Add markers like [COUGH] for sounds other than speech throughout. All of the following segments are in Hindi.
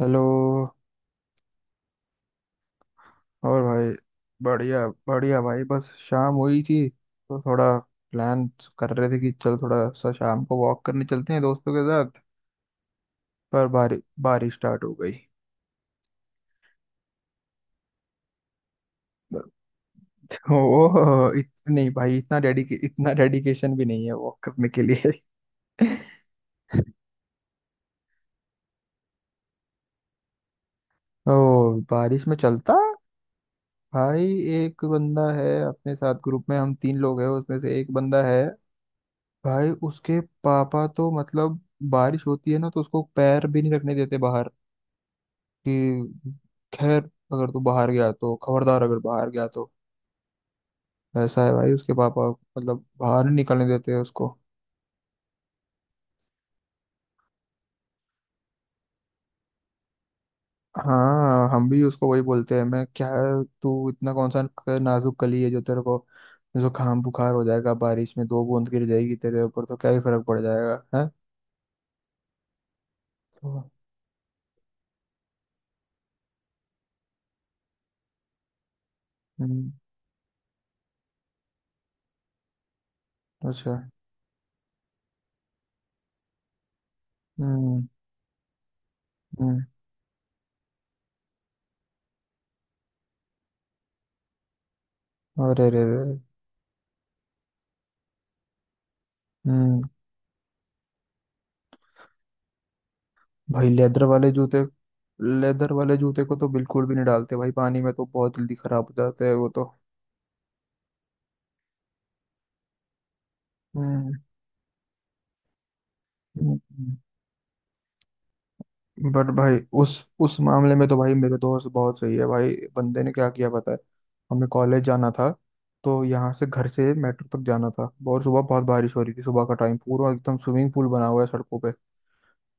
हेलो। और भाई, बढ़िया। बढ़िया भाई, बस शाम हुई थी तो थोड़ा प्लान कर रहे थे कि चल थोड़ा सा शाम को वॉक करने चलते हैं दोस्तों के साथ। पर बारिश स्टार्ट हो गई तो [LAUGHS] नहीं भाई, इतना डेडिके इतना डेडिकेशन भी नहीं है वॉक करने के लिए। [LAUGHS] ओ, बारिश में चलता भाई? एक बंदा है अपने साथ, ग्रुप में हम 3 लोग हैं, उसमें से एक बंदा है भाई, उसके पापा तो मतलब बारिश होती है ना तो उसको पैर भी नहीं रखने देते बाहर कि खैर अगर तू बाहर गया तो खबरदार, अगर बाहर गया तो। ऐसा है भाई उसके पापा, मतलब बाहर नहीं निकलने देते हैं उसको। हाँ, हम भी उसको वही बोलते हैं, मैं क्या है तू इतना कौन सा नाजुक कली है जो तेरे को जुकाम बुखार हो जाएगा? बारिश में 2 बूंद गिर जाएगी तेरे ऊपर तो क्या ही फर्क पड़ जाएगा है? तो हम्म। अच्छा। हम्म। हम्म। अरे रे रे। हम्म। भाई लेदर वाले जूते, लेदर वाले जूते को तो बिल्कुल भी नहीं डालते भाई पानी में, तो बहुत जल्दी खराब हो जाते हैं वो तो। हम्म। बट भाई उस उस मामले में तो भाई मेरे दोस्त बहुत सही है, भाई बंदे ने क्या किया पता है? हमें कॉलेज जाना था, तो यहाँ से घर से मेट्रो तक जाना था, बहुत सुबह बहुत बारिश हो रही थी, सुबह का टाइम पूरा एकदम स्विमिंग पूल बना हुआ है सड़कों पे।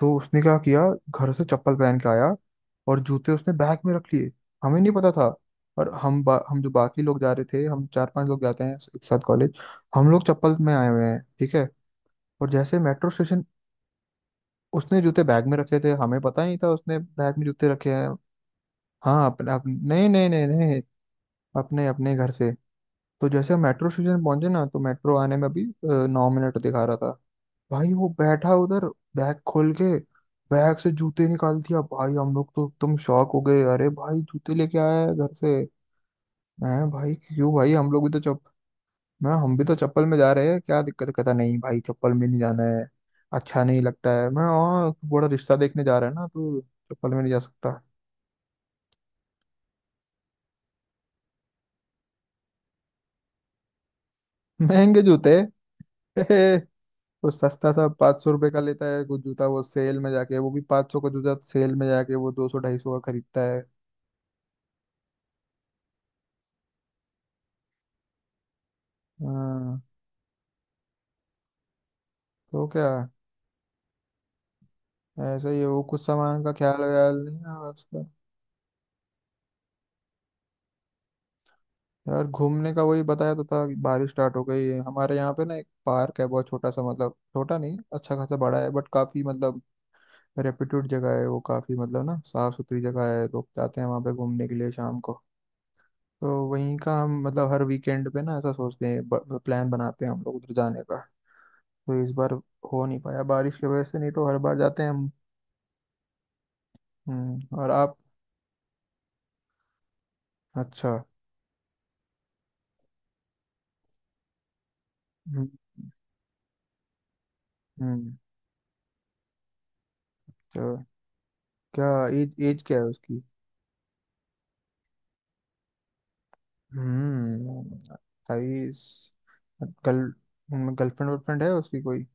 तो उसने क्या किया, घर से चप्पल पहन के आया और जूते उसने बैग में रख लिए। हमें नहीं पता था, और हम जो बाकी लोग जा रहे थे, हम 4-5 लोग जाते हैं एक साथ कॉलेज, हम लोग चप्पल में आए हुए हैं, ठीक है। और जैसे मेट्रो स्टेशन, उसने जूते बैग में रखे थे, हमें पता ही नहीं था उसने बैग में जूते रखे हैं। हाँ, अपने अपने, नहीं नहीं नहीं नहीं, अपने अपने घर से। तो जैसे हम मेट्रो स्टेशन पहुंचे ना, तो मेट्रो आने में अभी 9 मिनट दिखा रहा था। भाई वो बैठा उधर बैग खोल के बैग से जूते निकाल दिया, भाई हम लोग तो एकदम शॉक हो गए, अरे भाई जूते लेके आया है घर से। मैं भाई, क्यों भाई, हम लोग भी तो चप मैं हम भी तो चप्पल में जा रहे हैं, क्या दिक्कत है?" कहता नहीं भाई, चप्पल में नहीं जाना है, अच्छा नहीं लगता है, मैं और बड़ा रिश्ता देखने जा रहा है ना तो चप्पल में नहीं जा सकता। महंगे जूते। [LAUGHS] वो सस्ता सा 500 रुपये का लेता है कुछ जूता, वो सेल में जाके, वो भी 500 का जूता सेल में जाके वो 200-250 का खरीदता है। हाँ। तो क्या, ऐसा ही है वो, कुछ सामान का ख्याल व्याल नहीं है उसका। यार घूमने का वही बताया तो था कि बारिश स्टार्ट हो गई है। हमारे यहाँ पे ना एक पार्क है बहुत छोटा सा, मतलब छोटा नहीं, अच्छा खासा बड़ा है, बट काफी मतलब रेप्यूटेड जगह है वो, काफी मतलब ना साफ सुथरी जगह है, लोग जाते हैं वहाँ पे घूमने के लिए शाम को। तो वहीं का हम मतलब हर वीकेंड पे ना ऐसा सोचते हैं, प्लान बनाते हैं हम लोग उधर जाने का। तो इस बार हो नहीं पाया बारिश की वजह से, नहीं तो हर बार जाते हैं हम। हम्म, और आप? अच्छा। हम्म। हम्म। तो क्या एज एज क्या है उसकी? हम्म, 28। गर्ल गर्लफ्रेंड वर्लफ्रेंड है उसकी कोई?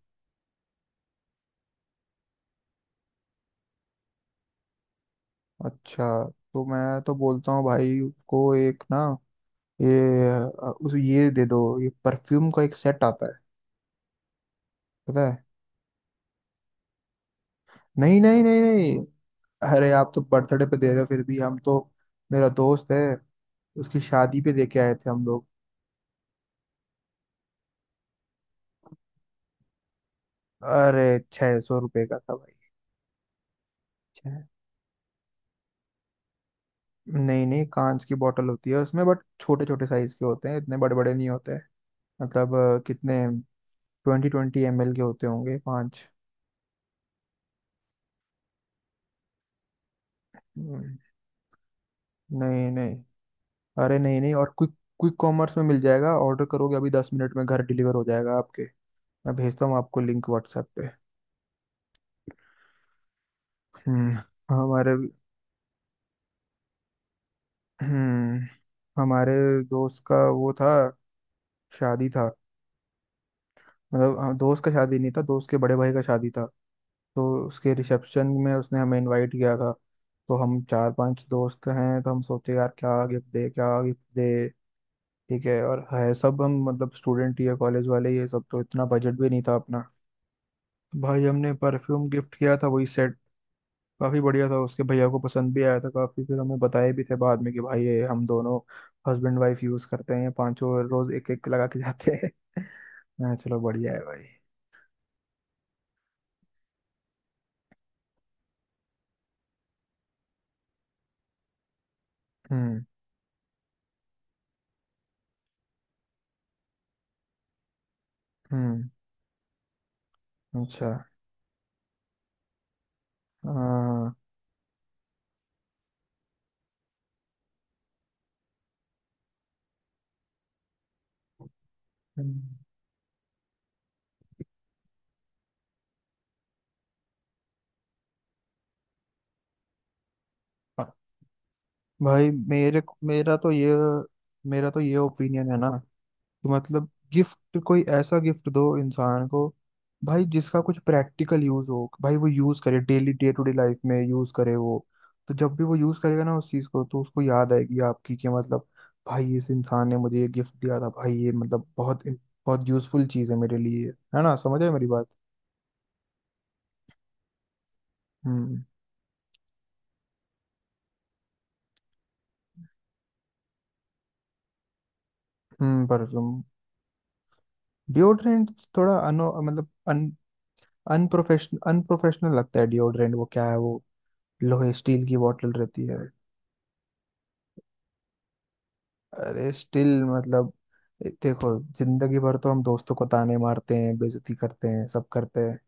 अच्छा। तो मैं तो बोलता हूँ भाई उसको एक ना ये अ, उस ये दे दो, ये परफ्यूम का एक सेट आता है पता है। नहीं नहीं नहीं नहीं, अरे आप तो बर्थडे पे दे रहे हो, फिर भी हम तो, मेरा दोस्त है उसकी शादी पे दे के आए थे हम लोग। अरे, 600 रुपये का था भाई। नहीं नहीं, कांच की बोतल होती है उसमें, बट छोटे छोटे साइज के होते हैं, इतने बड़े बड़े नहीं होते। मतलब कितने, ट्वेंटी ट्वेंटी एम एल के होते होंगे, पाँच। हम्म, नहीं नहीं। अरे नहीं नहीं, और क्विक क्विक कॉमर्स में मिल जाएगा, ऑर्डर करोगे अभी, 10 मिनट में घर डिलीवर हो जाएगा आपके। मैं भेजता हूँ आपको लिंक व्हाट्सएप पे। हम्म। हमारे, हम्म, हमारे दोस्त का वो था, शादी था, मतलब हाँ, दोस्त का शादी नहीं था, दोस्त के बड़े भाई का शादी था। तो उसके रिसेप्शन में उसने हमें इनवाइट किया था, तो हम 4-5 दोस्त हैं, तो हम सोचे यार क्या गिफ्ट दे, क्या गिफ्ट दे, ठीक है, और है सब हम मतलब स्टूडेंट ही है कॉलेज वाले ये सब, तो इतना बजट भी नहीं था अपना। भाई हमने परफ्यूम गिफ्ट किया था, वही सेट, काफी बढ़िया था, उसके भैया को पसंद भी आया था काफी, फिर हमें बताए भी थे बाद में कि भाई ये हम दोनों हस्बैंड वाइफ यूज करते हैं, पांचों रोज एक एक लगा के जाते हैं। [LAUGHS] हाँ, चलो बढ़िया है भाई। हम्म। हम्म। अच्छा। हाँ। हम्म। भाई मेरे मेरा तो ये मेरा तो ये ओपिनियन है ना, कि मतलब गिफ्ट कोई ऐसा गिफ्ट दो इंसान को भाई जिसका कुछ प्रैक्टिकल यूज हो, भाई वो यूज करे daily, day to day life में यूज करे वो। तो जब भी वो यूज करेगा ना उस चीज को तो उसको याद आएगी आपकी, कि मतलब भाई इस इंसान ने मुझे ये गिफ्ट दिया था, भाई ये मतलब बहुत बहुत यूजफुल चीज है मेरे लिए। है ना, समझ आए मेरी बात? हम्म। हम्म, परफ्यूम, डिओड्रेंट, थोड़ा अनो मतलब अनप्रोफेशनल लगता है डिओड्रेंट। वो क्या है वो, लोहे स्टील की बोतल रहती है। अरे स्टील मतलब, देखो जिंदगी भर तो हम दोस्तों को ताने मारते हैं, बेइज्जती करते हैं, सब करते हैं।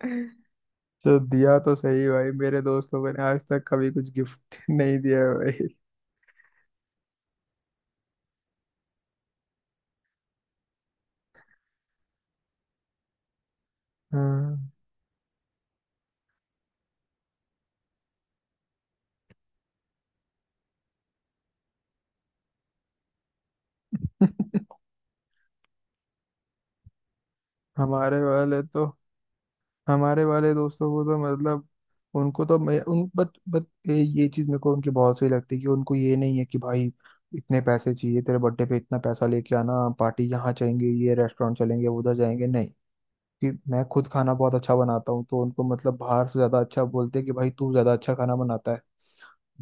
[LAUGHS] तो दिया तो सही, भाई मेरे दोस्तों ने आज तक कभी कुछ गिफ्ट नहीं दिया है भाई। हाँ। [LAUGHS] हमारे वाले तो हमारे वाले दोस्तों को तो मतलब, उनको तो मैं उन बट ये चीज मेरे को उनकी बहुत सही लगती है, कि उनको ये नहीं है कि भाई इतने पैसे चाहिए तेरे बर्थडे पे, इतना पैसा लेके आना, पार्टी यहाँ चलेंगे, ये रेस्टोरेंट चलेंगे, उधर जाएंगे, नहीं। कि मैं खुद खाना बहुत अच्छा बनाता हूँ, तो उनको मतलब बाहर से ज्यादा अच्छा, बोलते हैं कि भाई तू ज्यादा अच्छा खाना बनाता है,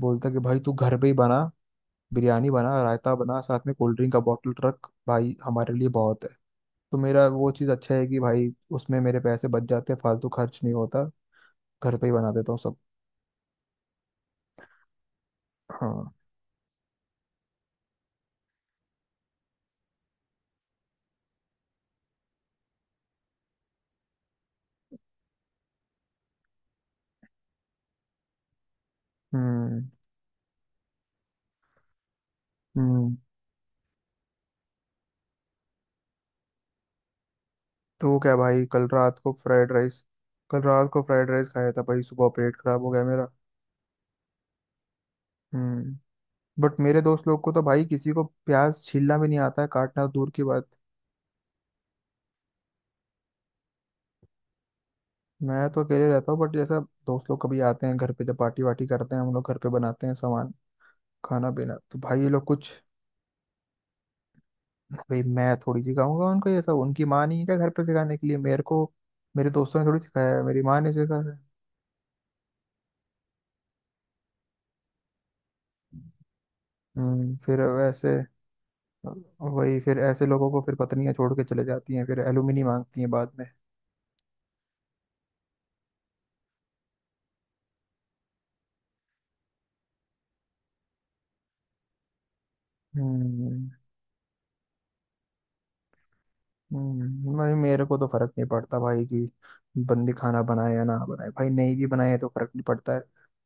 बोलता है कि भाई तू घर पे ही बना, बिरयानी बना, रायता बना, साथ में कोल्ड ड्रिंक का बॉटल रख, भाई हमारे लिए बहुत है। तो मेरा वो चीज़ अच्छा है कि भाई, उसमें मेरे पैसे बच जाते हैं, फालतू खर्च नहीं होता, घर पे ही बना देता हूँ सब। हाँ। हम्म। हम्म, तो क्या भाई कल रात को फ्राइड राइस कल रात को फ्राइड राइस खाया था भाई, सुबह पेट खराब हो गया मेरा। हम्म। बट मेरे दोस्त लोग को तो भाई किसी को प्याज छीलना भी नहीं आता है, काटना दूर की बात। मैं तो अकेले रहता हूँ, बट जैसा दोस्त लोग कभी आते हैं घर पे, जब पार्टी वार्टी करते हैं हम लोग, घर पे बनाते हैं सामान, खाना पीना, तो भाई ये लोग कुछ। भाई मैं थोड़ी सिखाऊंगा उनको ये सब, उनकी माँ नहीं है क्या घर पे सिखाने के लिए? मेरे को मेरे दोस्तों ने थोड़ी सिखाया है, मेरी माँ ने सिखाया है। हम्म, फिर वैसे वही फिर ऐसे लोगों को फिर पत्नियां छोड़ के चले जाती हैं, फिर एलुमनी मांगती हैं बाद में। हम्म। भाई मेरे को तो फर्क नहीं पड़ता भाई, कि बंदी खाना बनाए या ना बनाए, भाई नहीं भी बनाए तो फर्क नहीं पड़ता है।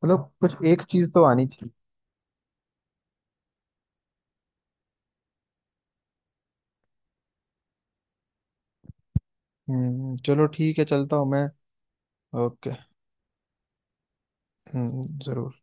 मतलब कुछ एक चीज तो आनी चाहिए। हम्म, चलो ठीक है, चलता हूँ मैं। ओके। हम्म, जरूर।